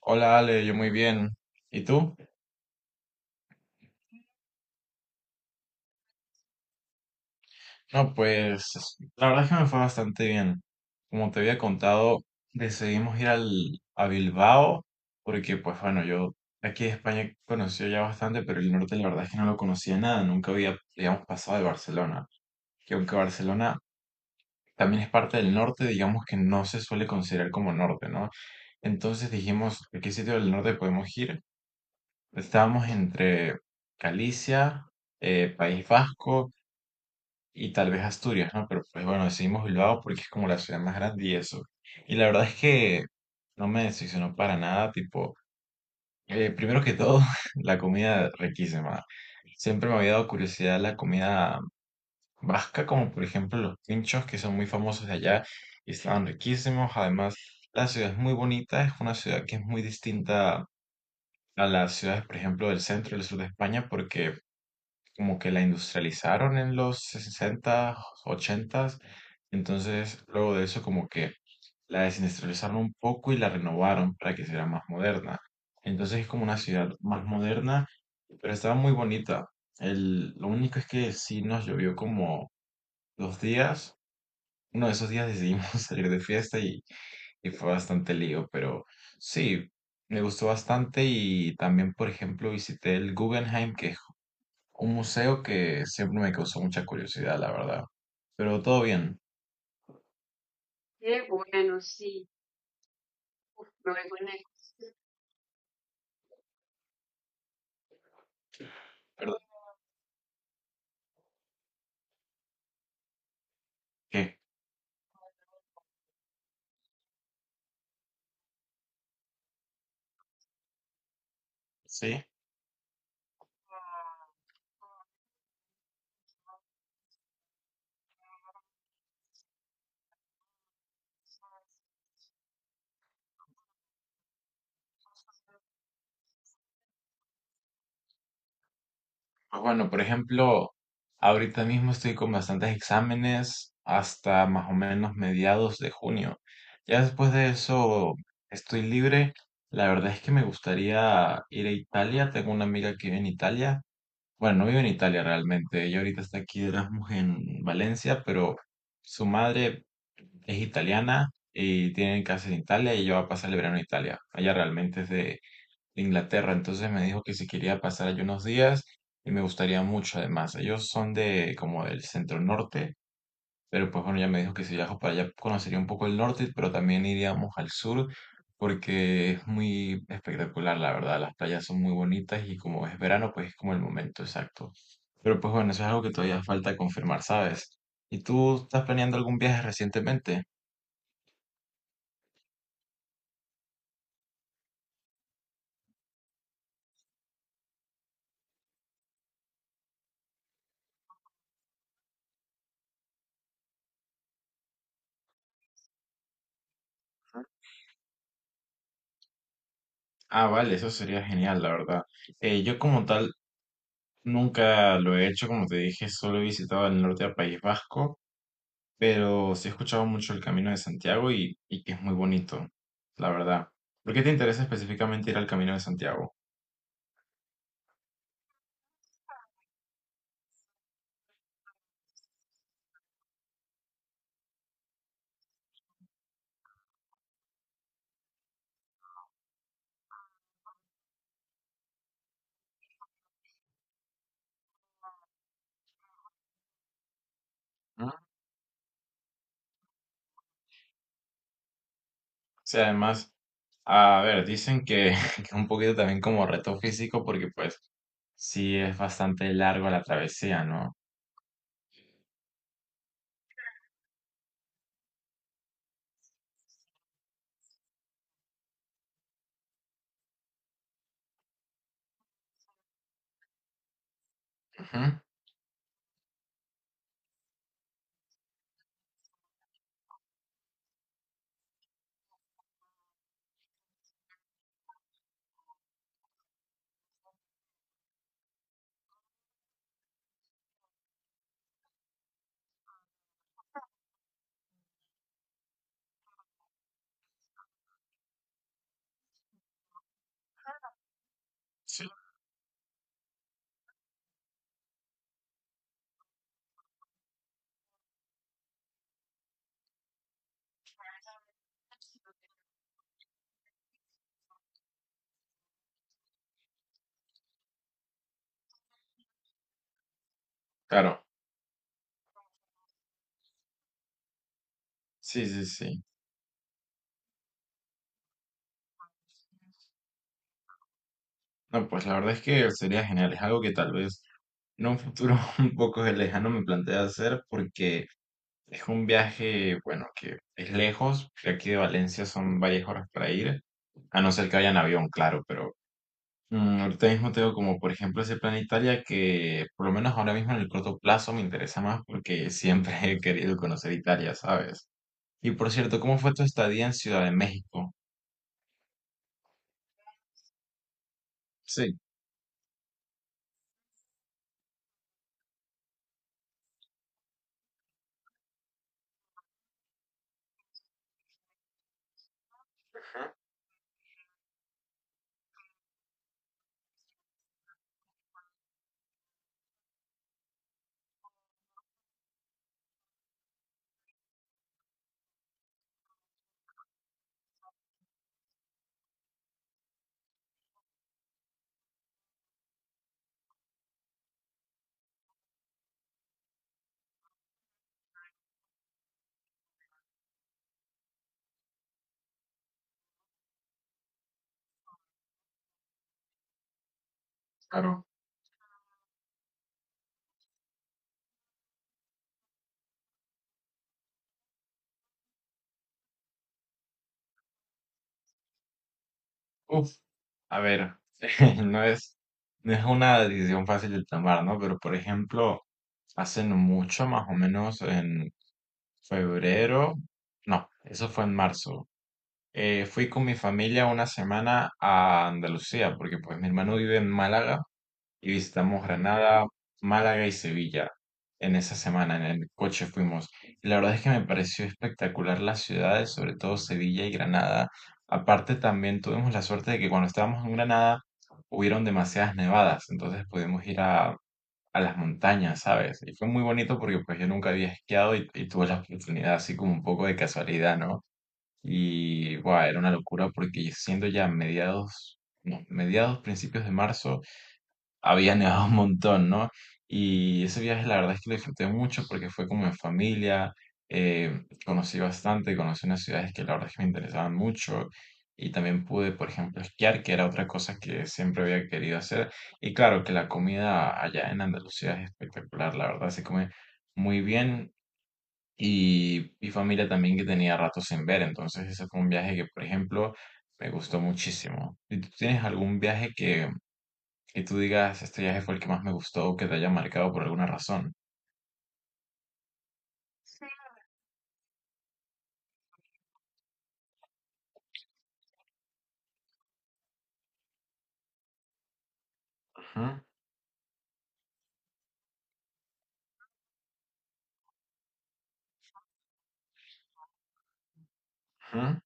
Hola Ale, yo muy bien. ¿Y tú? No, pues la verdad es que me fue bastante bien. Como te había contado, decidimos ir a Bilbao porque, pues bueno, yo aquí de España conocía ya bastante, pero el norte la verdad es que no lo conocía nada. Nunca había, digamos, pasado de Barcelona. Que aunque Barcelona también es parte del norte, digamos que no se suele considerar como norte, ¿no? Entonces dijimos, ¿a qué sitio del norte podemos ir? Estábamos entre Galicia, País Vasco. Y tal vez Asturias, ¿no? Pero pues bueno, decidimos Bilbao porque es como la ciudad más grande y eso. Y la verdad es que no me decepcionó para nada, tipo, primero que todo, la comida riquísima. Siempre me había dado curiosidad la comida vasca, como por ejemplo los pinchos que son muy famosos de allá y estaban riquísimos. Además, la ciudad es muy bonita, es una ciudad que es muy distinta a las ciudades, por ejemplo, del centro y del sur de España porque como que la industrializaron en los sesenta, 80, entonces luego de eso como que la desindustrializaron un poco y la renovaron para que sea más moderna. Entonces es como una ciudad más moderna, pero estaba muy bonita. El, lo único es que sí nos llovió como dos días. Uno de esos días decidimos salir de fiesta y fue bastante lío, pero sí, me gustó bastante y también, por ejemplo, visité el Guggenheim, que es un museo que siempre me causó mucha curiosidad, la verdad. Pero todo bien. ¿Perdón? ¿Qué? Sí. Pues bueno, por ejemplo, ahorita mismo estoy con bastantes exámenes hasta más o menos mediados de junio. Ya después de eso estoy libre. La verdad es que me gustaría ir a Italia. Tengo una amiga que vive en Italia. Bueno, no vive en Italia realmente. Ella ahorita está aquí de Erasmus en Valencia, pero su madre es italiana y tiene casa en Italia y ella va a pasar el verano en Italia. Ella realmente es de Inglaterra, entonces me dijo que si quería pasar allí unos días y me gustaría mucho además. Ellos son de como del centro norte, pero pues bueno, ya me dijo que si viajo para allá conocería un poco el norte, pero también iríamos al sur porque es muy espectacular, la verdad. Las playas son muy bonitas y como es verano, pues es como el momento exacto. Pero pues bueno, eso es algo que todavía falta confirmar, ¿sabes? ¿Y tú estás planeando algún viaje recientemente? Ah, vale, eso sería genial, la verdad. Yo como tal nunca lo he hecho, como te dije, solo he visitado el norte del País Vasco. Pero sí he escuchado mucho el Camino de Santiago y que es muy bonito, la verdad. ¿Por qué te interesa específicamente ir al Camino de Santiago? Mm. O sea además, a ver, dicen que, que es un poquito también como reto físico, porque pues sí es bastante largo la travesía, ¿no? Ujú. Sí. Claro, sí, sí, sí. No, pues la verdad es que sería genial, es algo que tal vez en un futuro un poco lejano me plantea hacer, porque es un viaje, bueno, que es lejos. De aquí de Valencia son varias horas para ir. A no ser que vaya en avión, claro, pero mm, ahorita mismo tengo como, por ejemplo, ese plan Italia que por lo menos ahora mismo en el corto plazo me interesa más porque siempre he querido conocer Italia, ¿sabes? Y por cierto, ¿cómo fue tu estadía en Ciudad de México? Sí, claro. Uf, a ver, no es, no es una decisión fácil de tomar, ¿no? Pero por ejemplo, hace no mucho, más o menos en febrero, no, eso fue en marzo. Fui con mi familia una semana a Andalucía, porque pues mi hermano vive en Málaga y visitamos Granada, Málaga y Sevilla. En esa semana en el coche fuimos. Y la verdad es que me pareció espectacular las ciudades, sobre todo Sevilla y Granada. Aparte también tuvimos la suerte de que cuando estábamos en Granada hubieron demasiadas nevadas, entonces pudimos ir a las montañas, ¿sabes? Y fue muy bonito porque pues yo nunca había esquiado y tuve la oportunidad así como un poco de casualidad, ¿no? Y wow, era una locura porque siendo ya mediados, no, mediados, principios de marzo, había nevado un montón, ¿no? Y ese viaje la verdad es que lo disfruté mucho porque fue como en familia, conocí bastante, conocí unas ciudades que la verdad es que me interesaban mucho y también pude, por ejemplo, esquiar, que era otra cosa que siempre había querido hacer. Y claro que la comida allá en Andalucía es espectacular, la verdad se come muy bien. Y mi familia también que tenía rato sin ver, entonces ese fue un viaje que, por ejemplo, me gustó muchísimo. ¿Y tú tienes algún viaje que y tú digas, este viaje fue el que más me gustó o que te haya marcado por alguna razón? Ajá, ajá,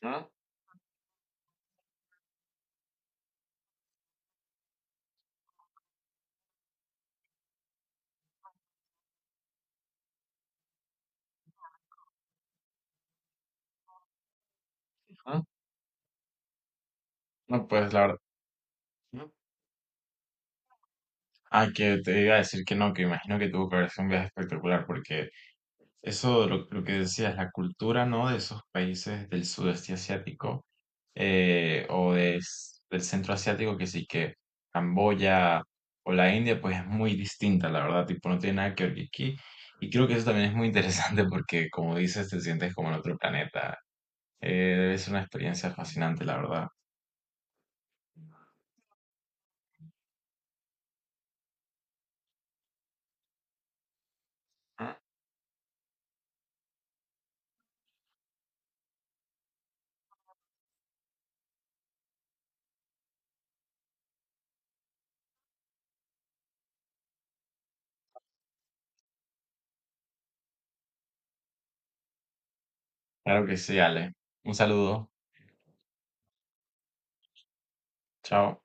ajá, ajá. No, pues la verdad. ¿No? Ah, que te iba a decir que no, que imagino que tuvo que haber sido un viaje espectacular, porque eso, lo que decías, la cultura, ¿no? De esos países del sudeste asiático eh, o de- del centro asiático, que sí que Camboya o la India, pues es muy distinta, la verdad, tipo, no tiene nada que ver que aquí. Y creo que eso también es muy interesante porque, como dices, te sientes como en otro planeta. Eh, debe ser una experiencia fascinante, la verdad. Claro que sí, Ale. Un saludo. Chao.